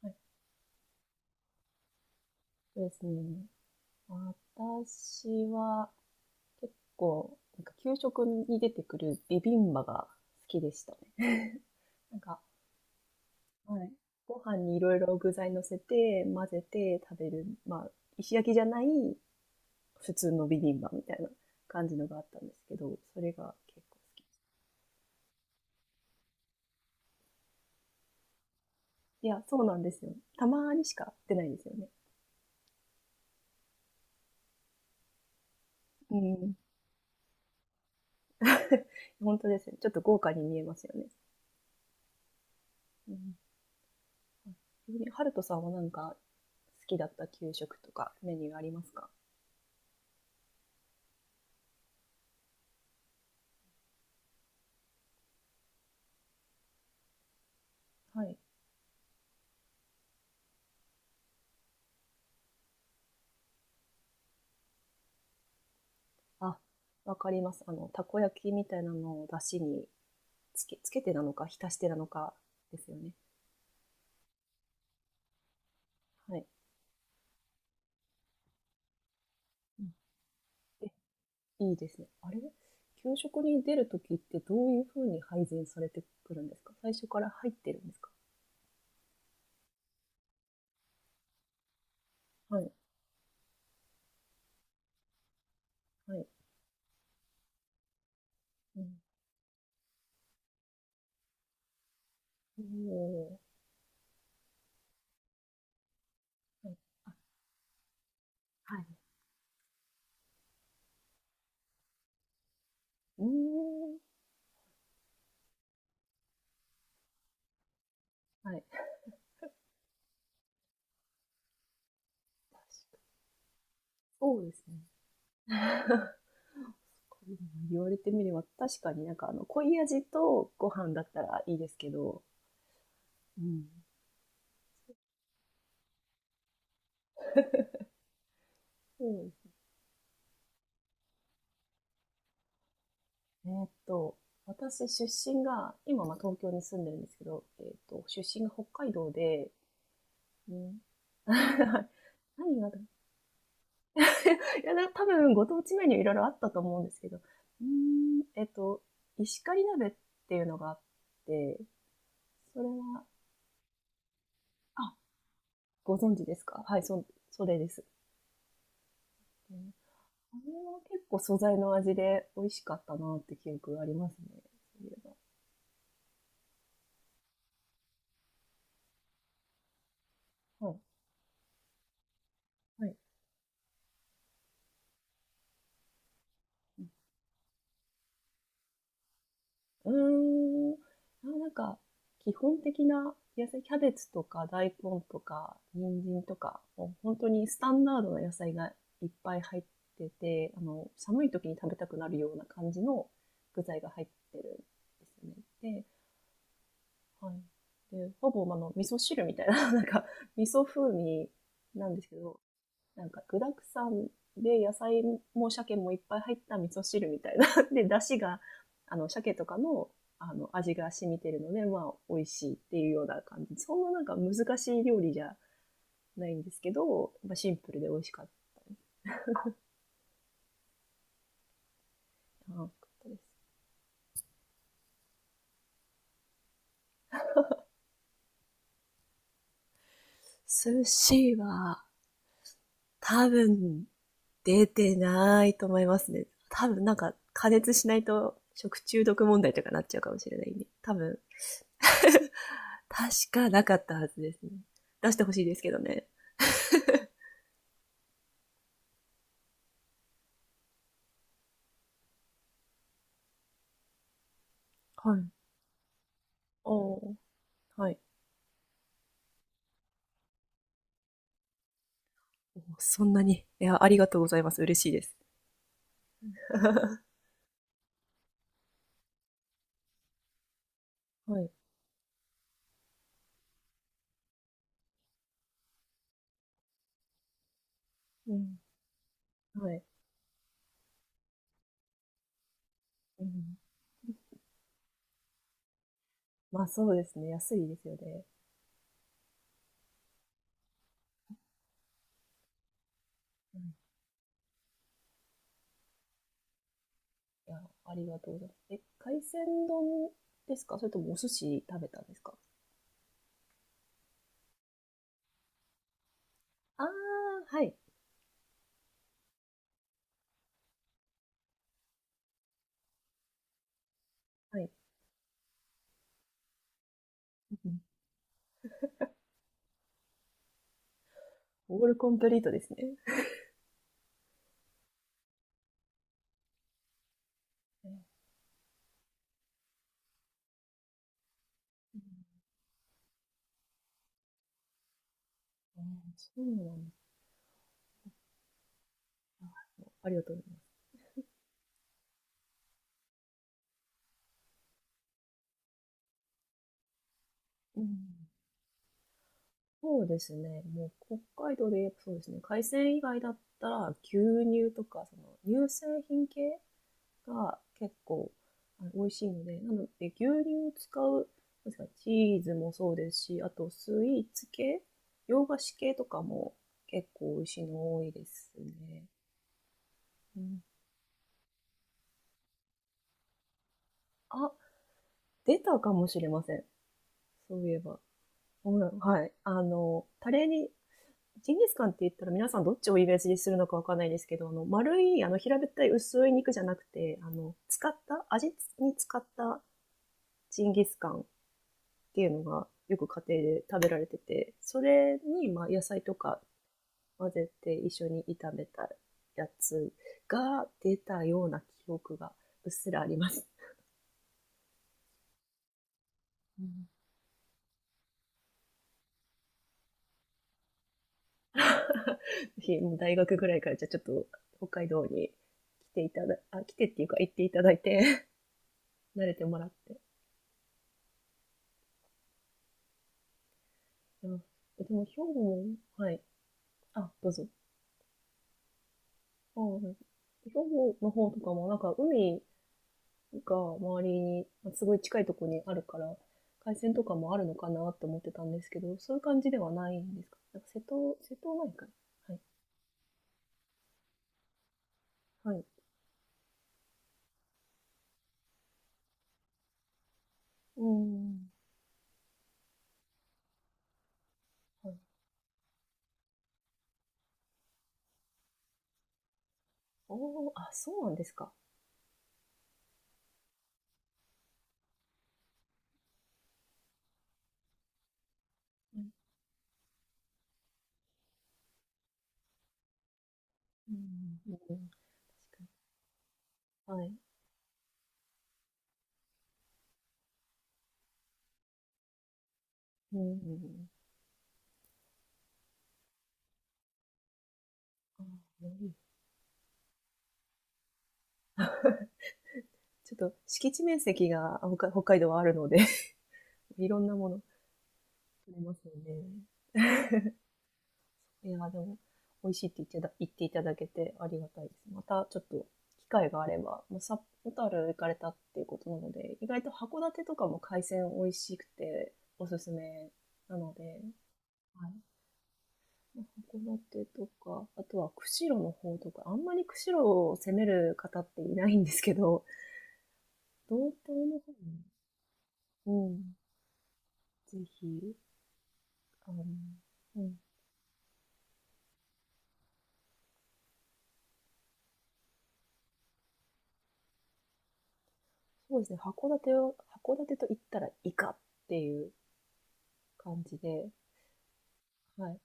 はい、そうですね。私は結構、なんか給食に出てくるビビンバが好きでしたね。なんか、はい。ご飯にいろいろ具材乗せて、混ぜて食べる、まあ、石焼きじゃない普通のビビンバみたいな感じのがあったんですけど、それが結構好きでした。いや、そうなんですよ。たまにしか出ないですよね。うん。本当ですね。ちょっと豪華に見えますよね。うん。ハルトさんはなんか好きだった給食とかメニューありますか？はい。あ、わかります。あの、たこ焼きみたいなのを出汁につけてなのか、浸してなのかですよね。はい。うん。え、いいですね。あれ、給食に出るときってどういうふうに配膳されてくるんですか？最初から入ってるんですか？はい。はい。うん。おー。はい。はい。うーん。はい。そうですね。言われてみれば確かになんかあの濃い味とご飯だったらいいですけど、うん。うん、えーっと私出身が今まあ東京に住んでるんですけど、出身が北海道で。うん。何が、いやな、多分ご当地メニューいろいろあったと思うんですけど、うーん、石狩鍋っていうのがあって、それは、あ、ご存知ですか？はい、それです、うん。あれは結構素材の味で美味しかったなって記憶がありますね。そういえば。はい。はい。うん。うーん。あ、なんか、基本的な野菜、キャベツとか大根とか人参とか、もう本当にスタンダードな野菜がいっぱい入ってて、あの、寒い時に食べたくなるような感じの具材が入ってるんですよね。で、はい。で、ほぼ、あの、味噌汁みたいな、なんか、味噌風味なんですけど、なんか具だくさんで野菜も鮭もいっぱい入った味噌汁みたいな で、出汁が、あの、鮭とかの、あの、味が染みてるので、まあ、美味しいっていうような感じ。そんななんか難しい料理じゃないんですけど、まあシンプルで美味しかったです。寿司は、多分、出てないと思いますね。多分、なんか、加熱しないと食中毒問題とかなっちゃうかもしれないんで。多分、確かなかったはずですね。出してほしいですけどね。はい。おー、はい。おー、そんなに。いや、ありがとうございます。嬉しいです。はい。うん。はい。うん。まあそうですね。安いですよね。うん。いや、ありがとうございます。え、海鮮丼ですか？それともお寿司食べたんですか？ああ、はい。はい。うん。オールコンプリートですね。うん、うん、そうなんですか。ありがとうございます。うん。そうですね。もう北海道でやっぱそうですね。海鮮以外だったら牛乳とかその乳製品系が結構あ、美味しいので、なので牛乳を使う、なんですか、チーズもそうですし、あとスイーツ系、洋菓子系とかも結構美味しいの多いですね。うん、あ、出たかもしれません。そういえば。ほら、はい。あの、タレにジンギスカンって言ったら皆さんどっちをイメージするのかわかんないですけど、あの、丸い、あの、平べったい薄い肉じゃなくて、あの、使った、味に使ったジンギスカンっていうのがよく家庭で食べられてて、それに、まあ、野菜とか混ぜて一緒に炒めたやつが出たような記憶がうっすらあります。ひ、もうん 大学ぐらいからじゃあちょっと北海道に来てっていうか行っていただいて、慣れてもらって、います。え、でも兵庫も、はい。あ、どうぞ。あ、はい。兵庫の方とかも、なんか海が周りに、すごい近いところにあるから、海鮮とかもあるのかなって思ってたんですけど、そういう感じではないんですか？なんか瀬戸内海。はい。はい。うん。はい。おー、あ、そうなんですか。はい、うん、うん、うん、確かに。はい。うん、うん、うん。あー、いい。ちょっと敷地面積が、あ、北海道はあるので いろんなもの取れますよね。いや、でも、美味しいって言っていただけてありがたいです。またちょっと機会があれば、まあ、小樽行かれたっていうことなので、意外と函館とかも海鮮美味しくておすすめなので、はい。函館とか、あとは釧路の方とか、あんまり釧路を攻める方っていないんですけど、道東の方に、うん、ぜひ、あの、うん、そうですね、函館と言ったらイカっていう感じで、はい。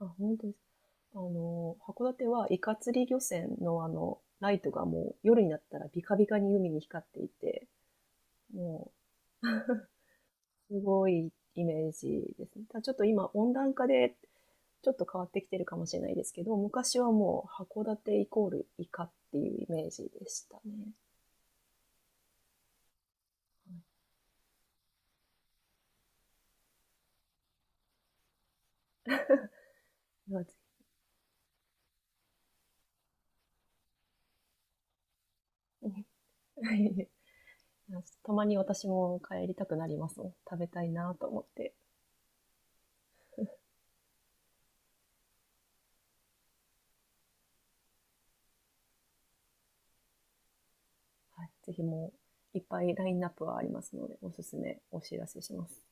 あ、本当です。あの、函館はイカ釣り漁船のあの、ライトがもう夜になったらビカビカに海に光っていて、もうすごいイメージですね。ただちょっと今温暖化でちょっと変わってきてるかもしれないですけど、昔はもう函館イコールイカっていうイメージでしたね。はい。 たまに私も帰りたくなりますもん。食べたいなと思って。はい。ぜひもういっぱいラインナップはありますので、おすすめお知らせします。